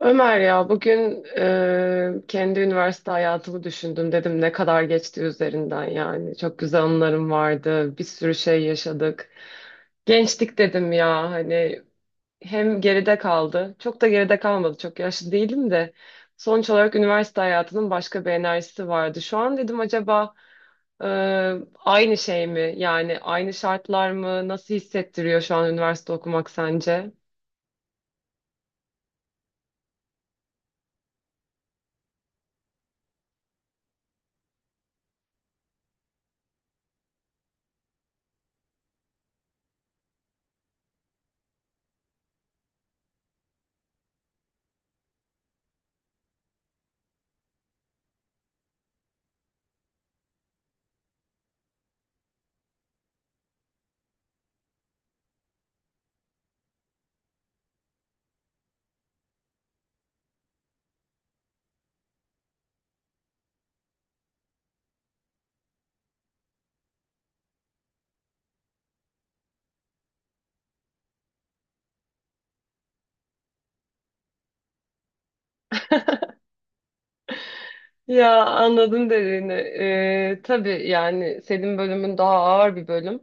Ömer ya bugün kendi üniversite hayatımı düşündüm dedim ne kadar geçti üzerinden yani çok güzel anılarım vardı bir sürü şey yaşadık gençlik dedim ya hani hem geride kaldı çok da geride kalmadı çok yaşlı değilim de sonuç olarak üniversite hayatının başka bir enerjisi vardı şu an dedim acaba e, aynı şey mi yani aynı şartlar mı nasıl hissettiriyor şu an üniversite okumak sence? Ya anladım dediğini. Tabii yani senin bölümün daha ağır bir bölüm.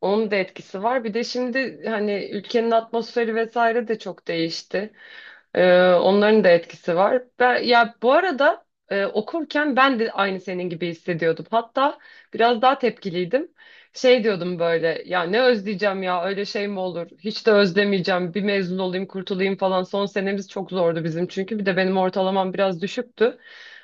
Onun da etkisi var. Bir de şimdi hani ülkenin atmosferi vesaire de çok değişti. Onların da etkisi var. Ben, ya bu arada okurken ben de aynı senin gibi hissediyordum. Hatta biraz daha tepkiliydim. Şey diyordum böyle ya ne özleyeceğim ya öyle şey mi olur? Hiç de özlemeyeceğim. Bir mezun olayım kurtulayım falan. Son senemiz çok zordu bizim çünkü. Bir de benim ortalamam biraz düşüktü.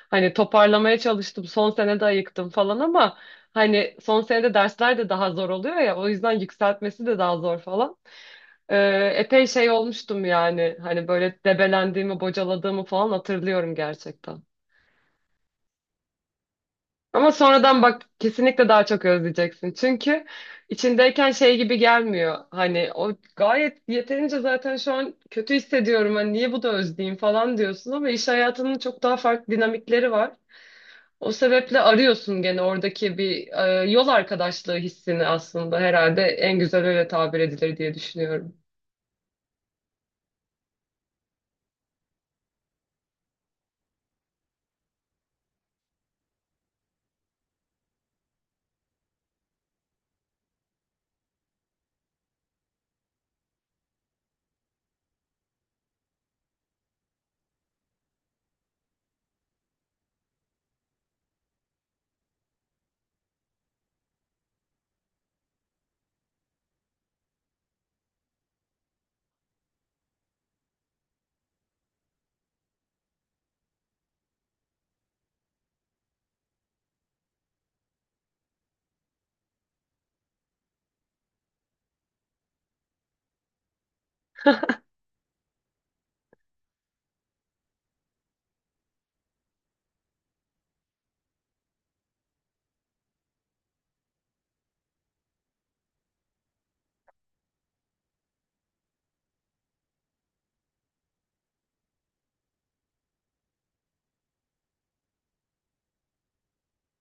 Hani toparlamaya çalıştım. Son sene de ayıktım falan ama hani son senede dersler de daha zor oluyor ya. O yüzden yükseltmesi de daha zor falan. Epey şey olmuştum yani. Hani böyle debelendiğimi, bocaladığımı falan hatırlıyorum gerçekten. Ama sonradan bak kesinlikle daha çok özleyeceksin. Çünkü içindeyken şey gibi gelmiyor. Hani o gayet yeterince zaten şu an kötü hissediyorum. Hani niye bu da özleyeyim falan diyorsun ama iş hayatının çok daha farklı dinamikleri var. O sebeple arıyorsun gene oradaki bir yol arkadaşlığı hissini aslında herhalde en güzel öyle tabir edilir diye düşünüyorum.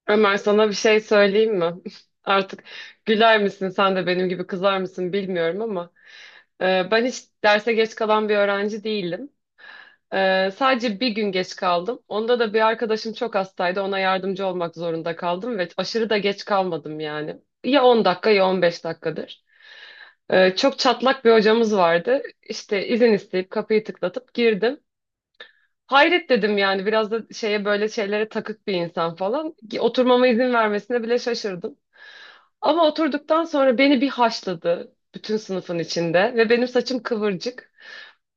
Ömer sana bir şey söyleyeyim mi? Artık güler misin sen de benim gibi kızar mısın bilmiyorum ama ben hiç derse geç kalan bir öğrenci değilim. Sadece bir gün geç kaldım. Onda da bir arkadaşım çok hastaydı. Ona yardımcı olmak zorunda kaldım ve aşırı da geç kalmadım yani. Ya 10 dakika ya 15 dakikadır. Çok çatlak bir hocamız vardı. İşte izin isteyip kapıyı tıklatıp girdim. Hayret dedim yani biraz da şeye böyle şeylere takık bir insan falan. Oturmama izin vermesine bile şaşırdım. Ama oturduktan sonra beni bir haşladı bütün sınıfın içinde ve benim saçım kıvırcık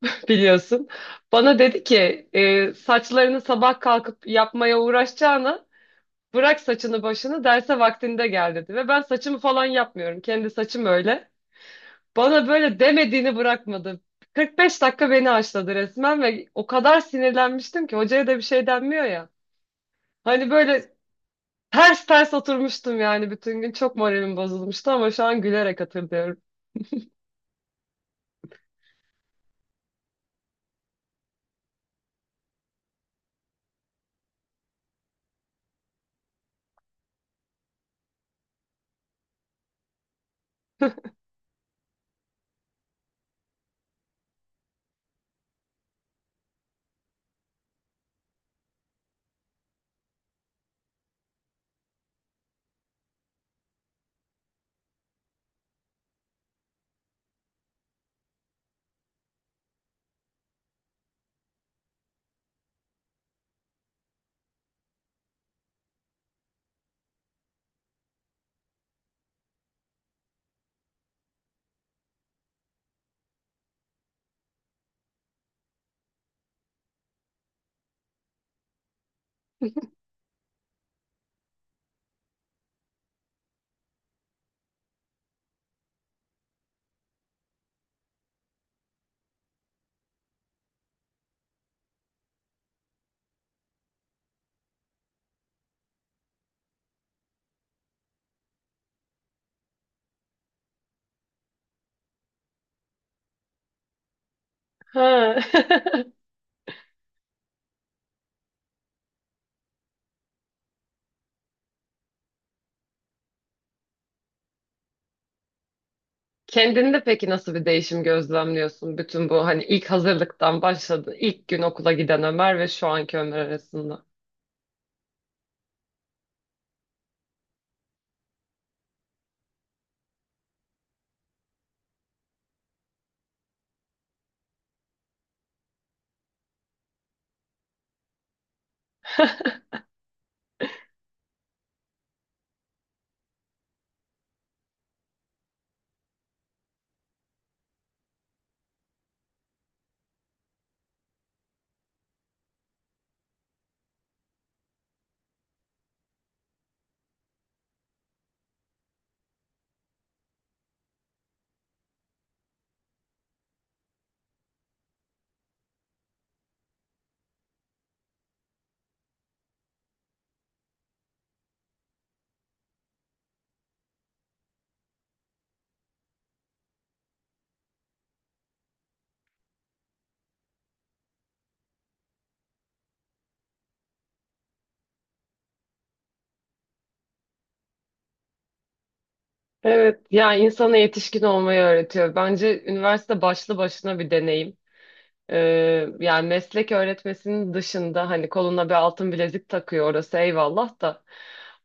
biliyorsun. Bana dedi ki saçlarını sabah kalkıp yapmaya uğraşacağına bırak saçını başını derse vaktinde gel dedi. Ve ben saçımı falan yapmıyorum kendi saçım öyle. Bana böyle demediğini bırakmadı. 45 dakika beni haşladı resmen ve o kadar sinirlenmiştim ki hocaya da bir şey denmiyor ya. Hani böyle ters ters oturmuştum yani bütün gün çok moralim bozulmuştu ama şu an gülerek hatırlıyorum. Ha. Kendinde peki nasıl bir değişim gözlemliyorsun? Bütün bu hani ilk hazırlıktan başladı, ilk gün okula giden Ömer ve şu anki Ömer arasında. Evet, yani insana yetişkin olmayı öğretiyor. Bence üniversite başlı başına bir deneyim. Yani meslek öğretmesinin dışında hani koluna bir altın bilezik takıyor orası eyvallah da.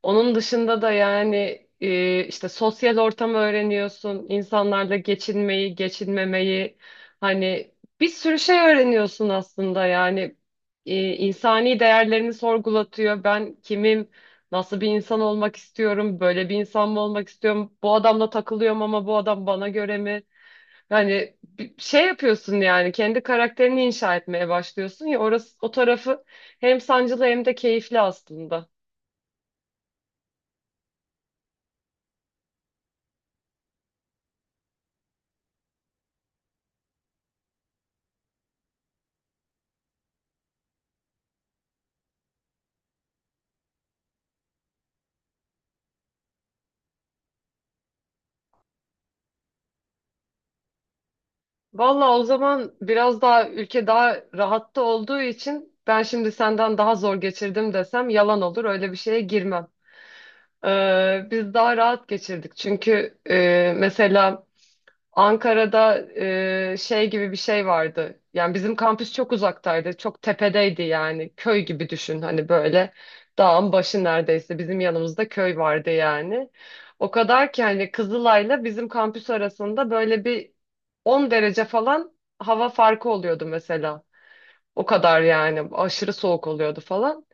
Onun dışında da yani işte sosyal ortamı öğreniyorsun, insanlarla geçinmeyi, geçinmemeyi hani bir sürü şey öğreniyorsun aslında yani insani değerlerini sorgulatıyor. Ben kimim? Nasıl bir insan olmak istiyorum? Böyle bir insan mı olmak istiyorum? Bu adamla takılıyorum ama bu adam bana göre mi? Yani bir şey yapıyorsun yani kendi karakterini inşa etmeye başlıyorsun ya orası o tarafı hem sancılı hem de keyifli aslında. Valla o zaman biraz daha ülke daha rahatta olduğu için ben şimdi senden daha zor geçirdim desem yalan olur öyle bir şeye girmem. Biz daha rahat geçirdik çünkü mesela Ankara'da şey gibi bir şey vardı. Yani bizim kampüs çok uzaktaydı. Çok tepedeydi yani. Köy gibi düşün hani böyle. Dağın başı neredeyse. Bizim yanımızda köy vardı yani. O kadar ki hani Kızılay'la bizim kampüs arasında böyle bir 10 derece falan hava farkı oluyordu mesela. O kadar yani aşırı soğuk oluyordu falan.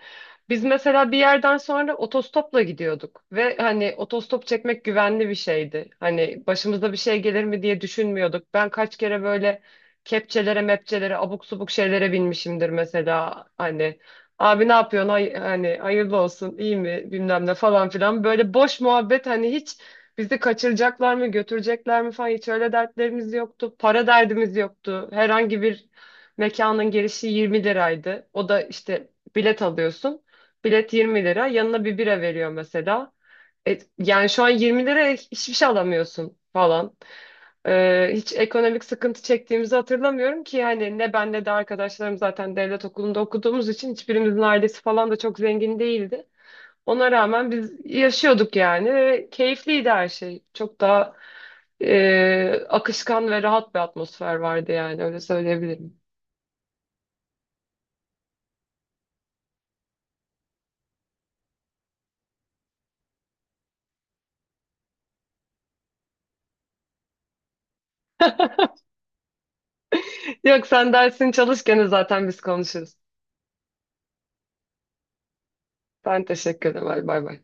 Biz mesela bir yerden sonra otostopla gidiyorduk ve hani otostop çekmek güvenli bir şeydi. Hani başımıza bir şey gelir mi diye düşünmüyorduk. Ben kaç kere böyle kepçelere, mepçelere, abuk subuk şeylere binmişimdir mesela. Hani abi ne yapıyorsun? Hani hayırlı olsun, iyi mi? Bilmem ne falan filan. Böyle boş muhabbet hani hiç bizi kaçıracaklar mı, götürecekler mi falan hiç öyle dertlerimiz yoktu. Para derdimiz yoktu. Herhangi bir mekanın girişi 20 liraydı. O da işte bilet alıyorsun. Bilet 20 lira. Yanına bir bira veriyor mesela. Yani şu an 20 liraya hiçbir şey alamıyorsun falan. Hiç ekonomik sıkıntı çektiğimizi hatırlamıyorum ki hani ne ben ne de arkadaşlarım zaten devlet okulunda okuduğumuz için hiçbirimizin ailesi falan da çok zengin değildi. Ona rağmen biz yaşıyorduk yani ve keyifliydi her şey. Çok daha akışkan ve rahat bir atmosfer vardı yani öyle söyleyebilirim. Yok sen dersini çalışken zaten biz konuşuruz. Ben teşekkür ederim. Bay bay.